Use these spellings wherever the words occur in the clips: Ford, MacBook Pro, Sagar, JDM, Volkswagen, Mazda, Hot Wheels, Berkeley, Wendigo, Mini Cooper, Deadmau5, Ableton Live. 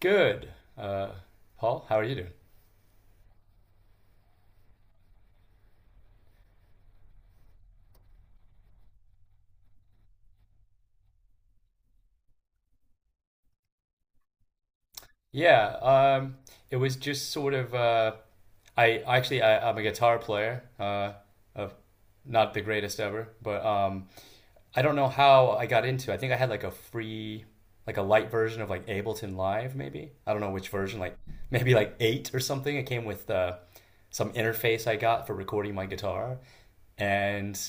Good. Uh, Paul, how are you doing? Yeah, um, it was just sort of I actually I'm a guitar player, of not the greatest ever, but I don't know how I got into it. I think I had like a free, like a light version of like Ableton Live, maybe. I don't know which version, like maybe like eight or something. It came with some interface I got for recording my guitar, and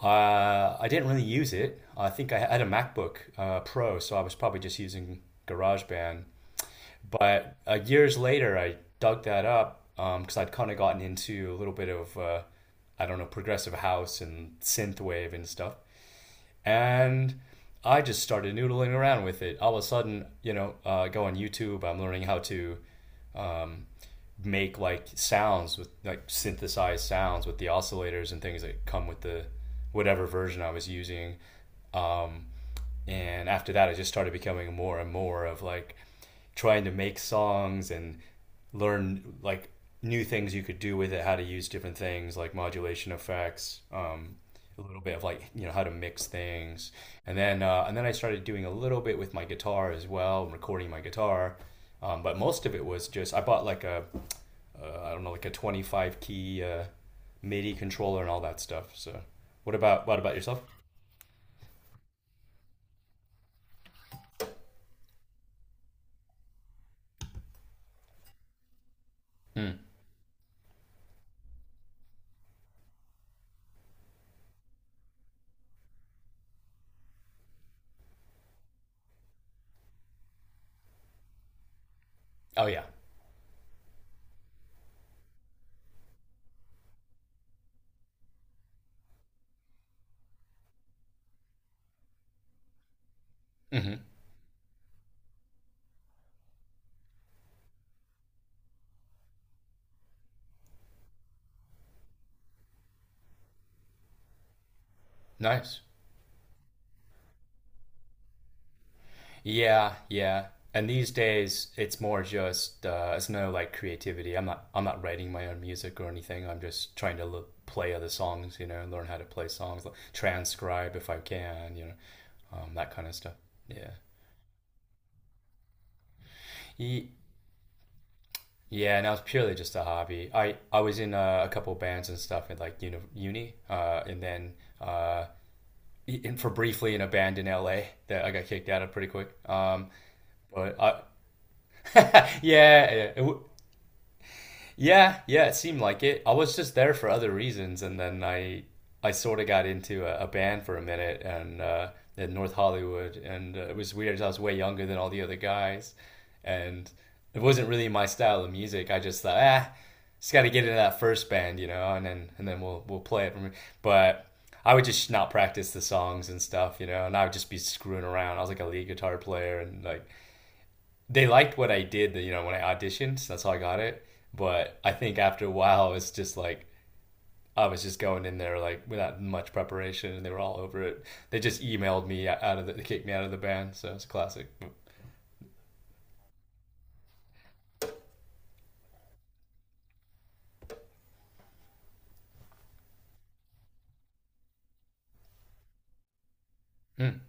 I didn't really use it. I think I had a MacBook Pro, so I was probably just using GarageBand. But years later, I dug that up because I'd kind of gotten into a little bit of, I don't know, progressive house and synthwave and stuff, and I just started noodling around with it. All of a sudden, you know, I go on YouTube. I'm learning how to make like sounds with like synthesized sounds with the oscillators and things that come with the whatever version I was using. Um, and after that, I just started becoming more and more of like trying to make songs and learn like new things you could do with it, how to use different things like modulation effects, a little bit of, like, you know, how to mix things, and then I started doing a little bit with my guitar as well, recording my guitar. But most of it was just I bought like a I don't know, like a 25 key midi controller and all that stuff. So what about yourself? Mm. Oh yeah. Mm-hmm. Nice. Yeah, yeah. And these days, it's more just it's no like creativity. I'm not writing my own music or anything. I'm just trying to l play other songs, you know, learn how to play songs, like, transcribe if I can, you know, that kind of stuff. Yeah. Ye- yeah. And that was purely just a hobby. I was in a couple bands and stuff at like uni, uni and then uh, in for briefly in a band in LA that I got kicked out of pretty quick. But I, yeah, yeah. Yeah, yeah, it seemed like it. I was just there for other reasons, and then I sort of got into a band for a minute, and in North Hollywood, and it was weird. 'Cause I was way younger than all the other guys, and it wasn't really my style of music. I just thought, ah, just got to get into that first band, you know, and then we'll play it. From, but I would just not practice the songs and stuff, you know, and I would just be screwing around. I was like a lead guitar player, and like they liked what I did, you know, when I auditioned. So that's how I got it. But I think after a while, it's just like I was just going in there like without much preparation, and they were all over it. They just emailed me out of the, they kicked me out of the band. So it's a classic. Mm.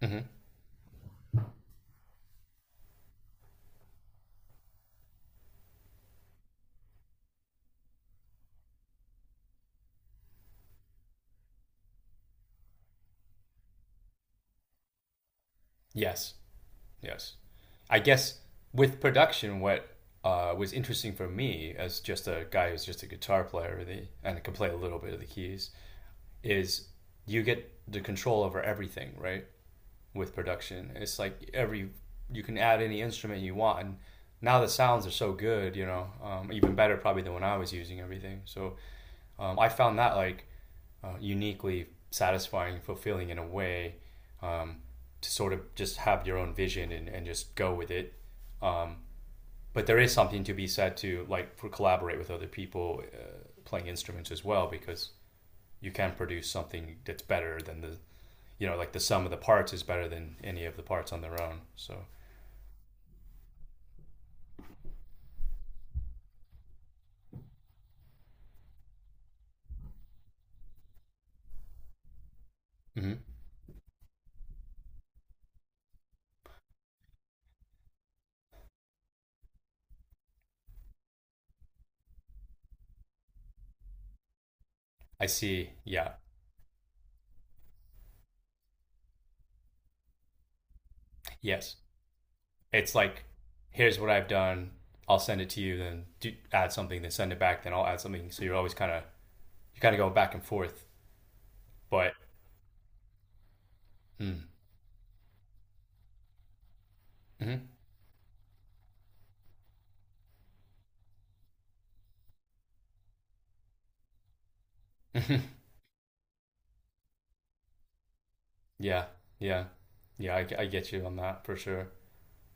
Hmm. Mm-hmm. Yes, yes. I guess with production, what was interesting for me as just a guy who's just a guitar player really, and can play a little bit of the keys is you get the control over everything, right? With production, it's like every you can add any instrument you want, and now the sounds are so good, you know, even better probably than when I was using everything. So I found that like uniquely satisfying, fulfilling in a way, um, to sort of just have your own vision, and just go with it. But there is something to be said to like for collaborate with other people playing instruments as well, because you can produce something that's better than the, you know, like the sum of the parts is better than any of the parts on their own. So. Mm-hmm. I see. Yeah. Yes. It's like, here's what I've done. I'll send it to you. Then do, add something. Then send it back. Then I'll add something. So you're always kind of you kind of go back and forth. But mm, mm-hmm, hmm, yeah, yeah, yeah. I get you on that for sure.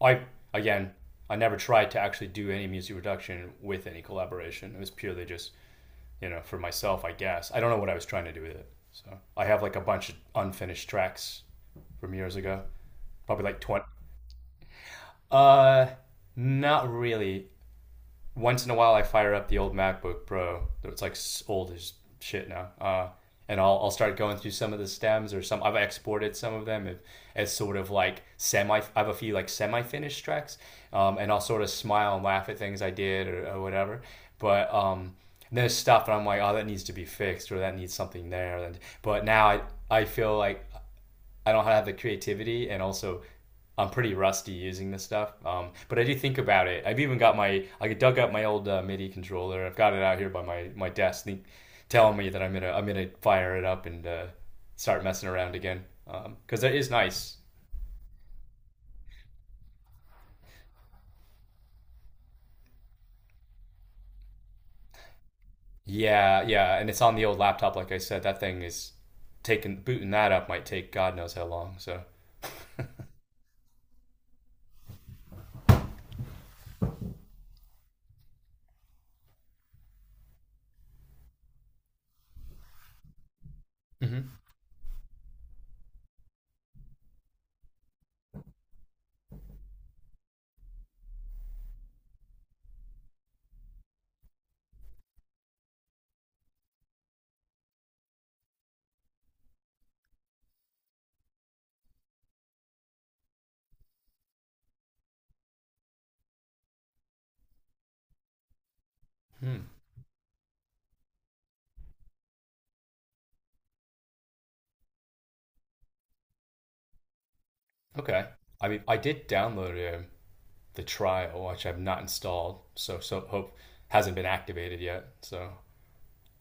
I again, I never tried to actually do any music production with any collaboration. It was purely just, you know, for myself, I guess. I don't know what I was trying to do with it. So I have like a bunch of unfinished tracks from years ago, probably like 20. Uh, Not really. Once in a while, I fire up the old MacBook Pro. It's like old as shit now. And I'll start going through some of the stems or some. I've exported some of them as sort of like semi. I have a few like semi-finished tracks, and I'll sort of smile and laugh at things I did, or whatever. But there's stuff, and I'm like, oh, that needs to be fixed, or that needs something there. And but now I feel like I don't have the creativity, and also I'm pretty rusty using this stuff. But I do think about it. I've even got my I dug up my old MIDI controller. I've got it out here by my desk, think, telling me that I'm gonna fire it up and start messing around again because that is nice. Yeah, yeah, and it's on the old laptop. Like I said, that thing is taking booting that up might take God knows how long. So, hmm. Hmm. Okay. I mean, I did download the trial, which I've not installed. So so hope hasn't been activated yet. So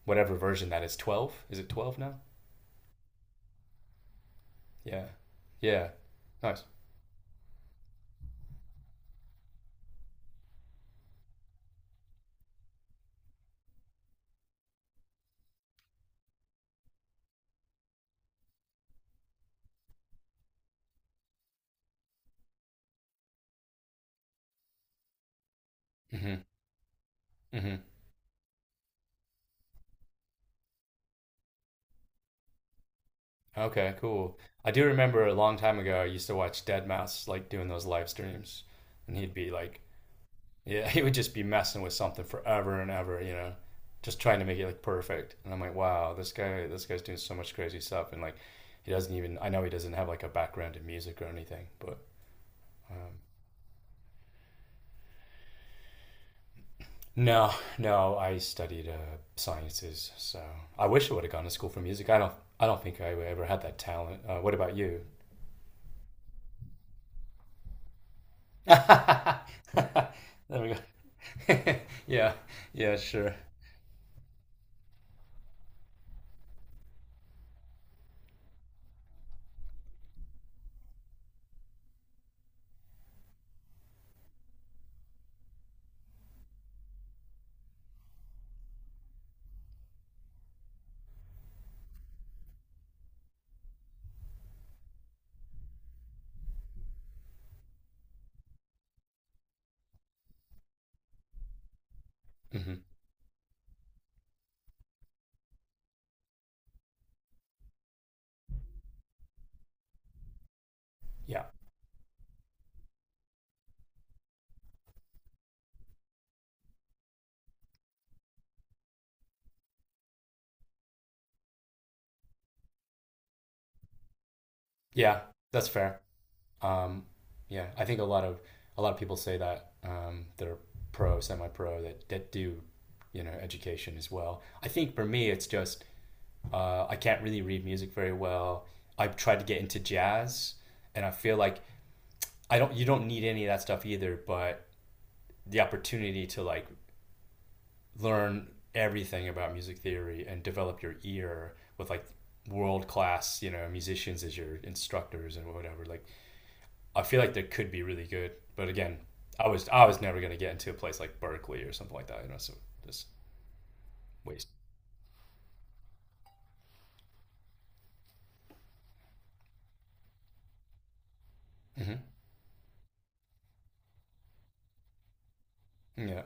whatever version that is, 12? Is it 12 now? Yeah, yeah. Nice. Hmm. Hmm. Okay, cool. I do remember a long time ago I used to watch Deadmau5 like doing those live streams, and he'd be like, yeah, he would just be messing with something forever and ever, you know, just trying to make it like perfect. And I'm like, wow, this guy's doing so much crazy stuff, and like, he doesn't even. I know he doesn't have like a background in music or anything. But um, no, no, I studied sciences, so I wish I would have gone to school for music. I don't think I ever had that talent. What about you? There we go. Yeah, yeah, sure. Hmm. Yeah, yeah, that's fair. Um, yeah, I think a lot of people say that they're pro, semi-pro that you know, education as well. I think for me, it's just uh, I can't really read music very well. I've tried to get into jazz, and I feel like I don't. You don't need any of that stuff either. But the opportunity to like learn everything about music theory and develop your ear with like world class, you know, musicians as your instructors and whatever. Like, I feel like that could be really good. But again, I was never gonna get into a place like Berkeley or something like that. You know, so just waste. Hmm. Yeah.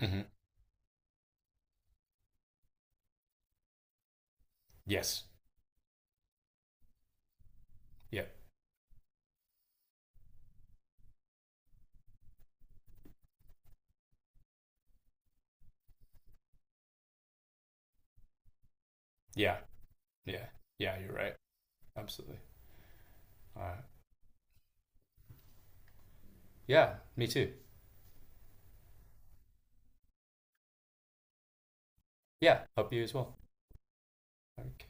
Hmm. Yes. Yeah. Yeah. Yeah. Yeah. You're right. Absolutely. All right. Yeah, me too. Yeah, hope you as well. Okay.